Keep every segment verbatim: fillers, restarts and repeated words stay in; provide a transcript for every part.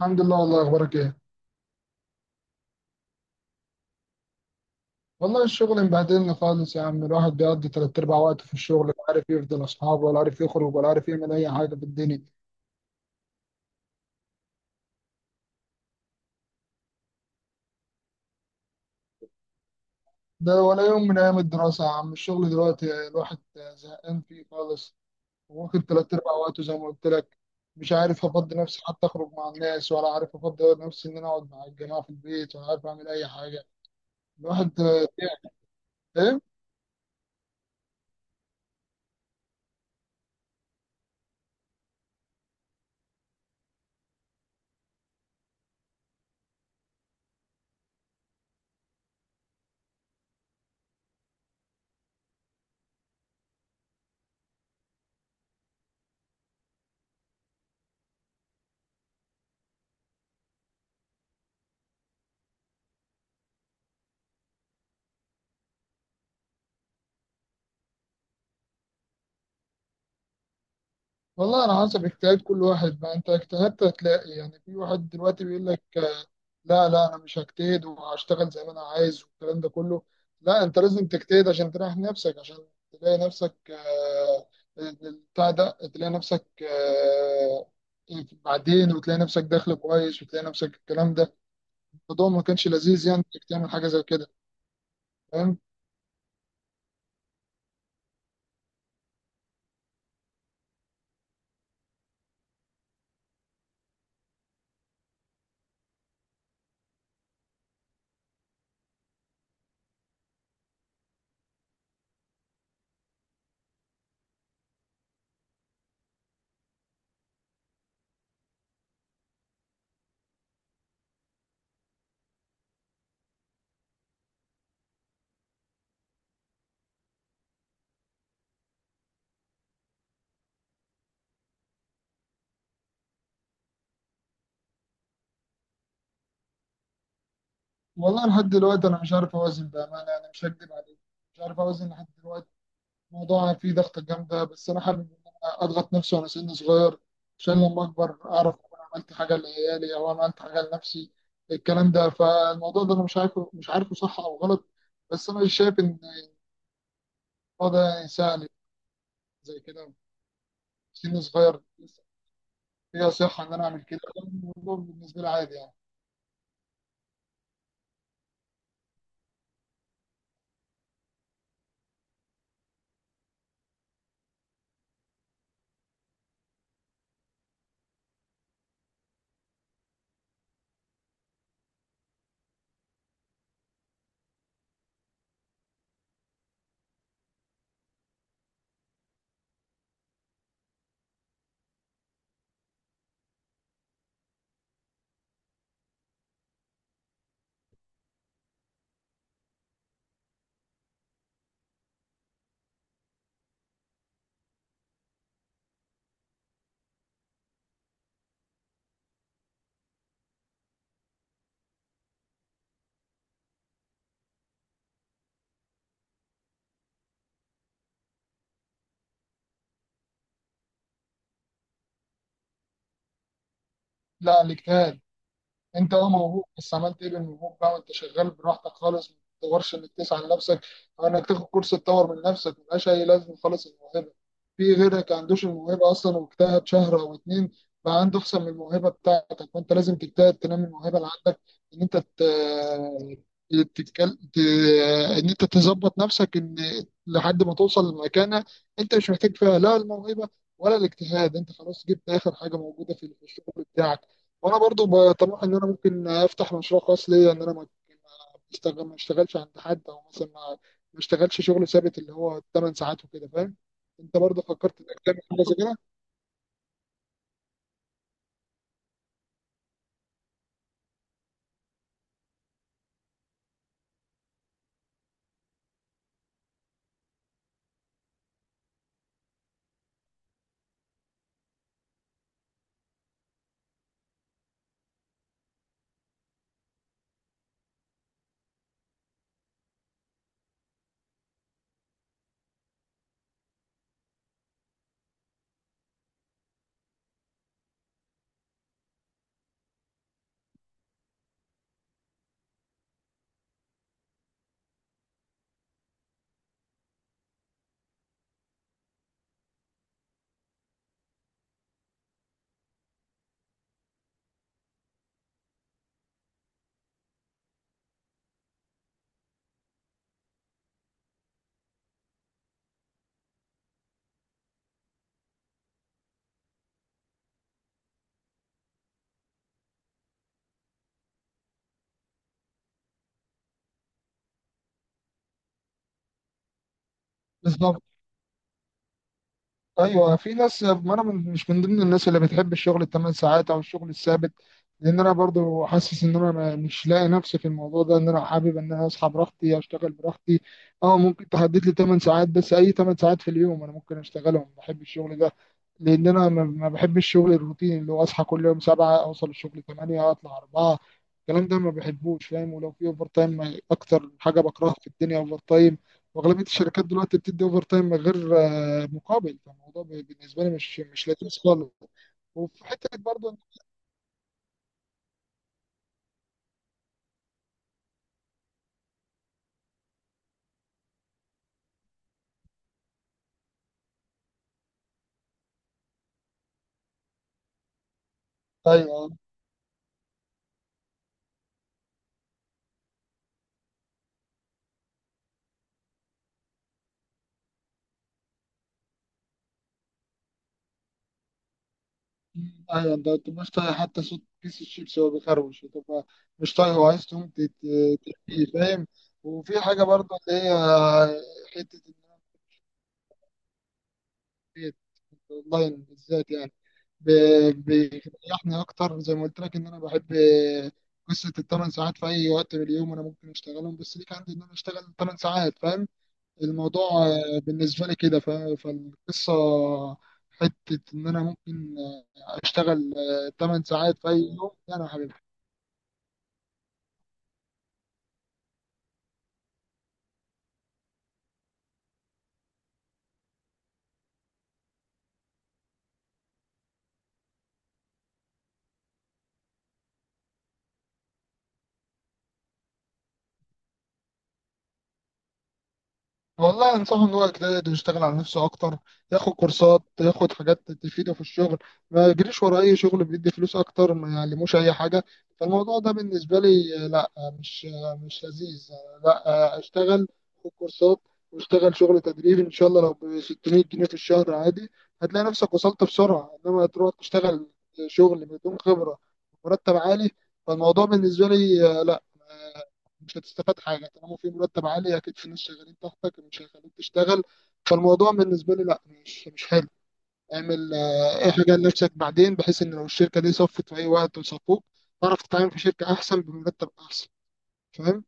الحمد لله. والله، اخبارك ايه؟ والله الشغل مبهدلني خالص يا عم، الواحد بيقضي تلات ارباع وقته في الشغل، لا عارف يفضل اصحابه، ولا عارف يخرج، ولا عارف يعمل اي حاجه في الدنيا. ده ولا يوم من ايام الدراسه يا عم. الشغل دلوقتي الواحد زهقان فيه خالص، واخد تلات ارباع وقته زي ما قلت لك. مش عارف افضي نفسي حتى اخرج مع الناس، ولا عارف افضي نفسي ان انا اقعد مع الجماعه في البيت، ولا عارف اعمل اي حاجه. الواحد تعب. ايه. والله، على حسب اجتهاد كل واحد. ما انت اجتهدت هتلاقي. يعني في واحد دلوقتي بيقول لك آه، لا لا، انا مش هجتهد وهشتغل زي ما انا عايز، والكلام ده كله. لا، انت لازم تجتهد عشان تريح نفسك، عشان تلاقي نفسك آه، بتاع ده، تلاقي نفسك آه، بعدين، وتلاقي نفسك دخل كويس، وتلاقي نفسك الكلام ده. الموضوع ما كانش لذيذ يعني انك تعمل حاجه زي كده، فاهم؟ والله لحد دلوقتي انا مش عارف اوازن، بامانه انا مش هكدب عليك. مش عارف اوازن لحد دلوقتي. الموضوع فيه ضغطة جامدة، بس أنا حابب إن أنا أضغط نفسي وأنا سن صغير عشان لما أكبر أعرف أكون عملت حاجة لعيالي أو أنا عملت حاجة لنفسي، الكلام ده. فالموضوع ده أنا مش عارفه مش عارفه صح أو غلط. بس أنا شايف إن الموضوع ده يساعد، زي كده. سن صغير لسه، فيها صحة إن أنا أعمل كده. الموضوع بالنسبة لي عادي يعني. لا، الاجتهاد. انت اه موهوب، بس عملت ايه بالموهوب بقى؟ وانت شغال براحتك خالص، ما بتدورش انك تسعى لنفسك، او انك تاخد كورس تطور من نفسك. ملهاش اي لازمه خالص الموهبه. في غيرك ما عندوش الموهبه اصلا واجتهد شهر او اتنين، بقى عنده احسن من الموهبه بتاعتك، وانت لازم تجتهد تنمي الموهبه اللي عندك. ان انت ت... تتكل... ت... ان انت تظبط نفسك ان لحد ما توصل لمكانه انت مش محتاج فيها لا الموهبه ولا الاجتهاد. انت خلاص جبت اخر حاجه موجوده في في الشغل بتاعك. وانا برضو بطمح ان انا ممكن افتح مشروع خاص ليا، ان انا ما ما بشتغل ما اشتغلش عند حد، او مثلا ما ما اشتغلش شغل ثابت اللي هو 8 ساعات وكده، فاهم؟ انت برضو فكرت انك تعمل حاجه زي كده؟ بالظبط. ايوه، في ناس، ما انا من- مش من ضمن الناس اللي بتحب الشغل الثمان ساعات او الشغل الثابت، لان انا برضو حاسس ان انا ما- مش لاقي نفسي في الموضوع ده. ان انا حابب ان انا اصحى براحتي، اشتغل براحتي. اه، ممكن تحدد لي 8 ساعات، بس اي 8 ساعات في اليوم انا ممكن اشتغلهم، بحب الشغل ده. لان انا ما ما بحبش الشغل الروتيني، اللي هو اصحى كل يوم سبعه، اوصل الشغل تمانيه، اطلع اربعه. الكلام ده ما بحبوش، فاهم؟ ولو في اوفر تايم، اكتر حاجه بكرهها في الدنيا اوفر تايم. واغلبيه الشركات دلوقتي بتدي اوفر تايم من غير مقابل، فالموضوع بالنسبه لي مش مش لذيذ خالص. وفي حته برضه إن- ايوه. مم، ايوه. انت أنت مش طايق حتى صوت كيس الشيبسي وهو بيخروش، بتبقى مش طايق، هو عايز تقوم تت- تحكيه، فاهم؟ وفي حاجه برضه اللي هي، حته ان انا بقيت اونلاين بالذات يعني، ب- بيريحني اكتر. زي ما قلت لك، ان انا بحب قصه الثمان ساعات. في اي وقت من اليوم انا ممكن اشتغلهم، بس ليك عندي ان انا اشتغل ثمان ساعات، فاهم؟ الموضوع آه، بالنسبة لي كده، ف- فالقصة حتة إن أنا ممكن آه، أشتغل آه، 8 ساعات في أي يوم. أنا حبيبي. والله انصحه ان هو يجتهد ويشتغل على نفسه اكتر، ياخد كورسات، ياخد حاجات تفيده في الشغل. ما يجريش ورا اي شغل بيدي فلوس اكتر ما يعلموش اي حاجه. فالموضوع ده بالنسبه لي آه، لا. آه، مش آه، مش لذيذ. آه، لا. آه، اشتغل، خد كورسات، واشتغل شغل تدريبي ان شاء الله لو ب ستمية جنيه في الشهر، عادي، هتلاقي نفسك وصلت بسرعه. انما تروح تشتغل شغل بدون خبره، مرتب عالي، فالموضوع بالنسبه لي آه، لا. مش هتستفاد حاجه، طالما في مرتب عالي اكيد في ناس شغالين تحتك مش هيخلوك تشتغل. فالموضوع بالنسبه لي لا، مش مش حلو. اعمل آه، اي حاجه لنفسك بعدين، بحيث ان لو الشركه دي صفت في اي وقت وصفوك، تعرف تتعامل في شركه احسن بمرتب احسن، فاهم؟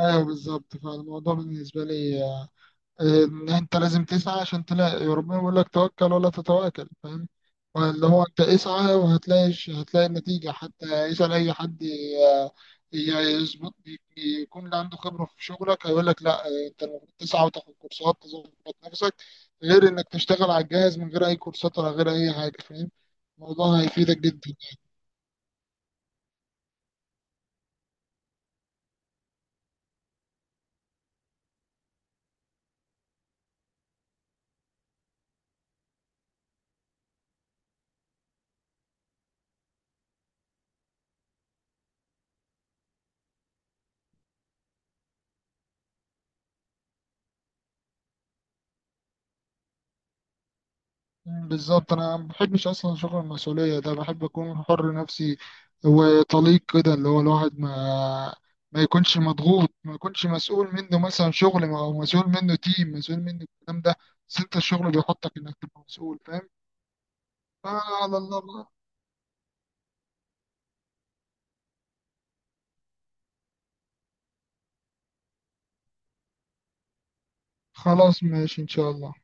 ايوه، بالظبط. فالموضوع بالنسبه لي آه، إن انت لازم تسعى عشان تلاقي. ربنا بيقول لك توكل ولا تتواكل، فاهم؟ اللي هو انت اسعى وهتلاقي. هتلاقي النتيجة حتى. اسأل اي حد، ي- ي- يظبط، يكون اللي عنده خبرة في شغلك هيقول لك لا، انت المفروض تسعى وتاخد كورسات، تظبط نفسك، غير انك تشتغل على الجهاز من غير اي كورسات ولا غير اي حاجة، فاهم؟ الموضوع هيفيدك جدا. مم، بالظبط. انا ما بحبش اصلا شغل المسؤوليه ده، بحب اكون حر نفسي وطليق كده، اللي هو الواحد ما ما يكونش مضغوط، ما يكونش مسؤول منه مثلا شغل، او مسؤول منه تيم، مسؤول منه الكلام ده. بس انت الشغل بيحطك انك تبقى مسؤول، فاهم؟ فعلى الله بقى. خلاص ماشي ان شاء الله.